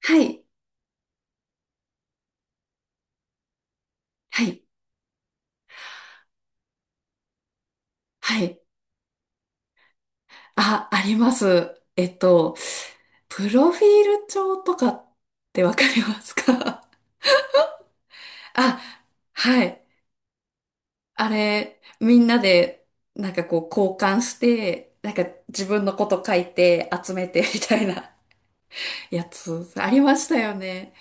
はい、はい、はい。あ、あります。プロフィール帳とかってわかりますか？ あ、はい。あれ、みんなで、こう交換して、なんか自分のこと書いて集めてみたいな やつ、ありましたよね。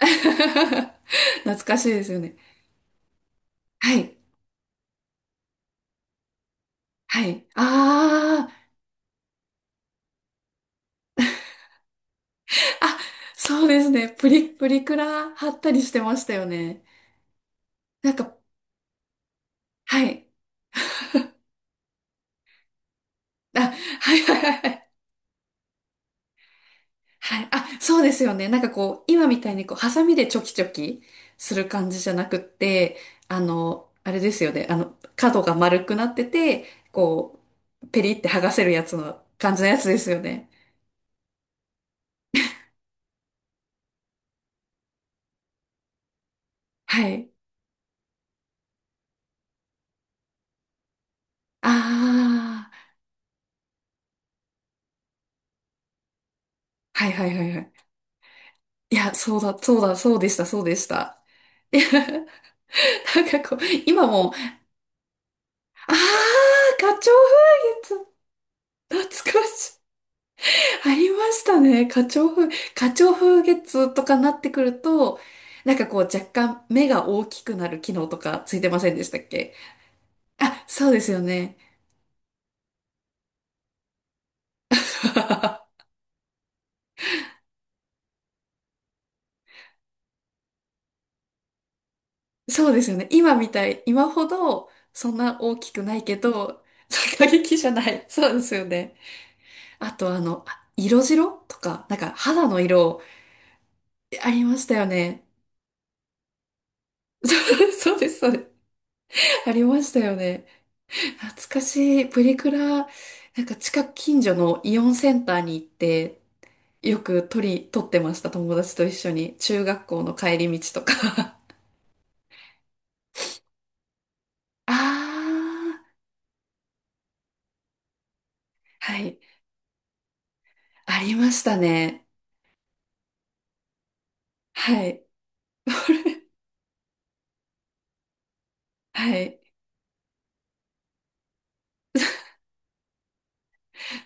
懐かしいですよね。はい、はい。あー、あ、そうですね。プリクラ貼ったりしてましたよね。なんか、はい。あ、はいはいはいはい。あ、そうですよね。なんかこう、今みたいにこう、ハサミでチョキチョキする感じじゃなくって、あれですよね。角が丸くなってて、こう、ペリって剥がせるやつの感じのやつですよね。はい。ああ、はいはいはいはい。いや、そうだ、そうだ、そうでした、そうでした。いや、なんかこう、今も、ああ、花鳥風月、懐かしい。ありましたね。花鳥風月とかなってくると、なんかこう若干目が大きくなる機能とかついてませんでしたっけ？あ、そうですよね。そうですよね。今みたい、今ほどそんな大きくないけど、過激じゃない。そうですよね。あとあの、あ色白とか、なんか肌の色ありましたよね。そうそうです、そうです。ありましたよね。懐かしい。プリクラ、なんか近く近所のイオンセンターに行って、よく撮り、撮ってました。友達と一緒に。中学校の帰り道とか。あー、はい。ありましたね。はい。はい。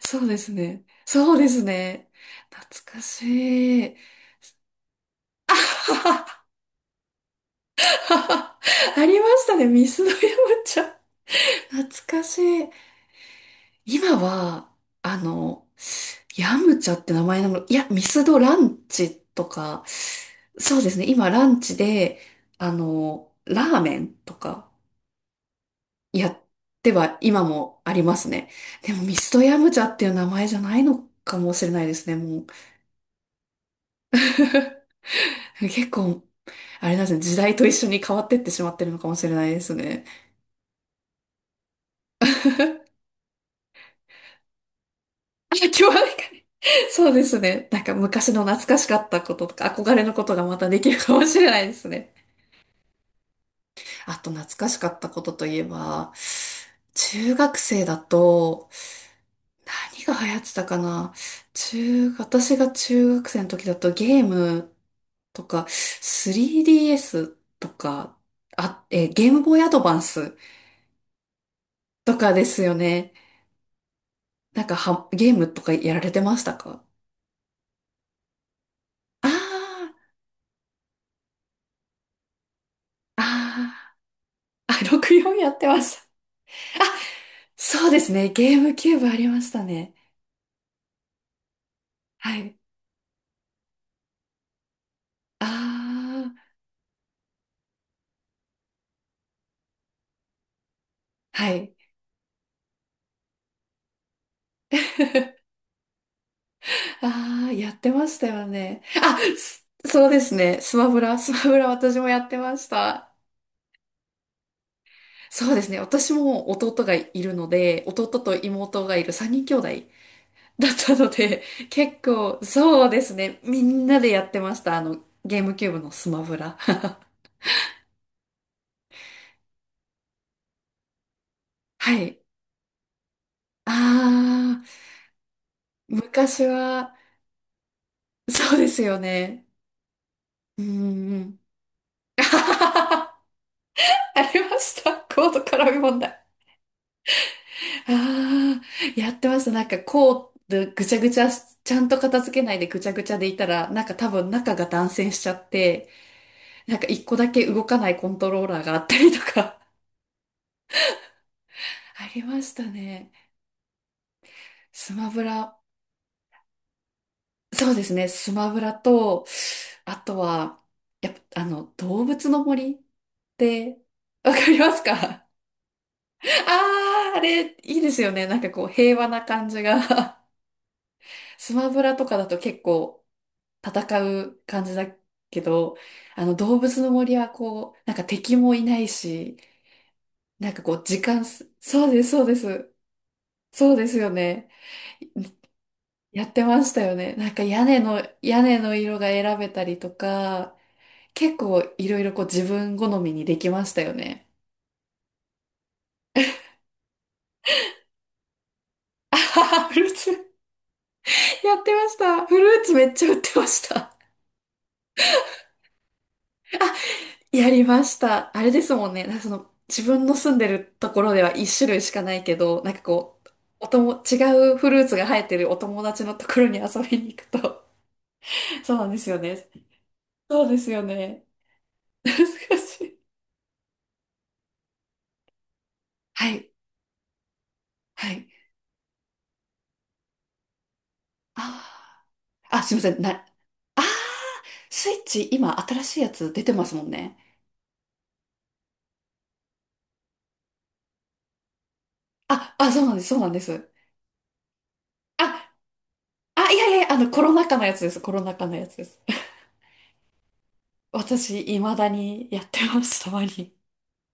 そうですね。そうですね。懐かしい。ありましたね。ミスド山ちゃん。懐かしい。今は、あの、ヤムチャって名前なの、いや、ミスドランチとか、そうですね、今ランチで、あの、ラーメンとかやっては今もありますね。でもミスドヤムチャっていう名前じゃないのかもしれないですね、もう。結構、あれなんですね、時代と一緒に変わってってしまってるのかもしれないですね。あ、今日はなんかね、そうですね、なんか昔の懐かしかったこととか憧れのことがまたできるかもしれないですね。あと懐かしかったことといえば、中学生だと、何が流行ってたかな。私が中学生の時だとゲームとか、3DS とか、ゲームボーイアドバンスとかですよね。なんかは、ゲームとかやられてましたか？ああー、あーあ、64やってました。そうですね。ゲームキューブありましたね。はい。ああ、はい。ああ、やってましたよね。そうですね。スマブラ私もやってました。そうですね。私も弟がいるので、弟と妹がいる3人兄弟だったので、結構、そうですね。みんなでやってました。あの、ゲームキューブのスマブラ。はい。ああ、昔は、そうですよね。うんうん。あはははは ありました。コード絡み問題。ああ、やってました。なんかこうぐちゃぐちゃ、ちゃんと片付けないでぐちゃぐちゃでいたら、なんか多分中が断線しちゃって、なんか一個だけ動かないコントローラーがあったりとか、ありましたね。スマブラ。そうですね。スマブラと、あとは、やっぱ、あの、動物の森って、わかりますか？ ああ、あれ、いいですよね。なんかこう、平和な感じが。スマブラとかだと結構、戦う感じだけど、あの動物の森はこう、なんか敵もいないし、なんかこう時間す、そうです、そうです。そうですよね。やってましたよね。なんか屋根の色が選べたりとか、結構いろいろこう自分好みにできましたよね。あはは、フルーツ、やってました。フルーツめっちゃ売ってました。やりました。あれですもんね。なんかその、自分の住んでるところでは一種類しかないけど、なんかこう、おとも、違うフルーツが生えてるお友達のところに遊びに行くと。そうなんですよね。そうですよね。懐かしい。はい。はい。あー、あ、すいません。あスイッチ今新しいやつ出てますもんね。あ、あ、そうなんです。そうなんです。あ、あ、いやいやいや、あの、コロナ禍のやつです。コロナ禍のやつです。私、未だにやってます。たまに。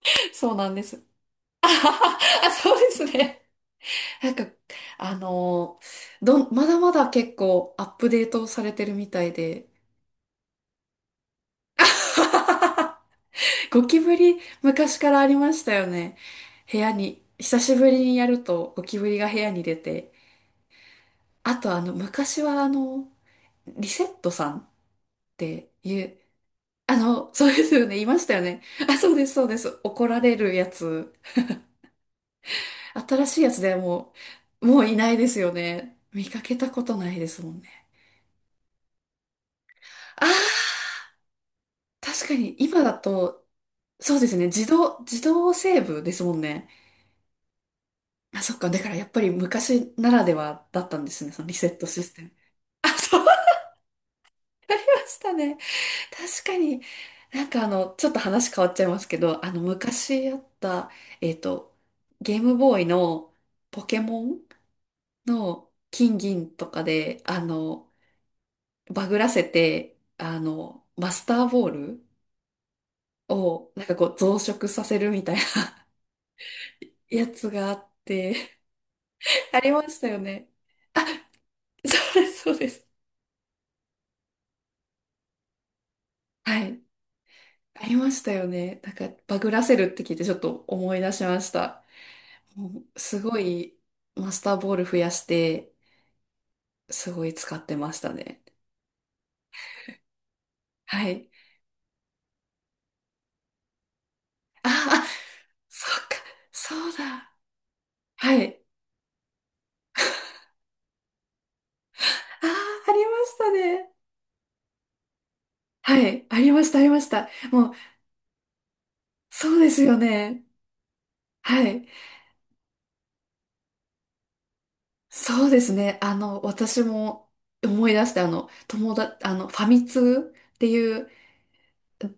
そうなんです。あはは、あ、そうですね。なんか、あのーどん、まだまだ結構アップデートされてるみたいで、ゴキブリ昔からありましたよね。部屋に、久しぶりにやるとゴキブリが部屋に出て、あとあの、昔はあの、リセットさんっていう、あの、そうですよね、いましたよね。あ、そうです、そうです。怒られるやつ。新しいやつではもういないですよね。見かけたことないですもんね。あ、確かに今だと、そうですね、自動セーブですもんね。あ、そっか、だからやっぱり昔ならではだったんですね、そのリセットシステム。あ、そうでしたね。確かに、なんかあの、ちょっと話変わっちゃいますけど、あの、昔あった、えっと、ゲームボーイのポケモンの金銀とかで、あの、バグらせて、あの、マスターボールを、なんかこう増殖させるみたいなやつがあって、ありましたよね。あ、そうです、そうです。はい。ありましたよね。なんか、バグらせるって聞いてちょっと思い出しました。もうすごい、マスターボール増やして、すごい使ってましたね。はい。ああ、そっか、そうだ。はい。ああ、ありましたね。はい。ありました、ありました。もう、そうですよね。はい。そうですね。あの、私も思い出して、あの、ファミ通っていう、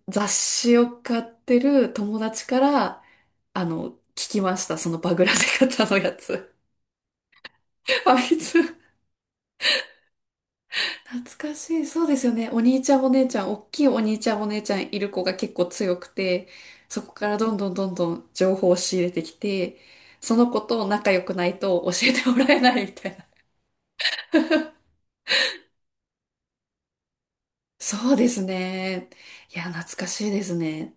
雑誌を買ってる友達から、あの、聞きました。そのバグらせ方のやつ。あいつ、懐かしい。そうですよね。おっきいお兄ちゃんお姉ちゃんいる子が結構強くて、そこからどんどんどんどん情報を仕入れてきて、その子と仲良くないと教えてもらえないみたいな。そうですね。いや、懐かしいですね。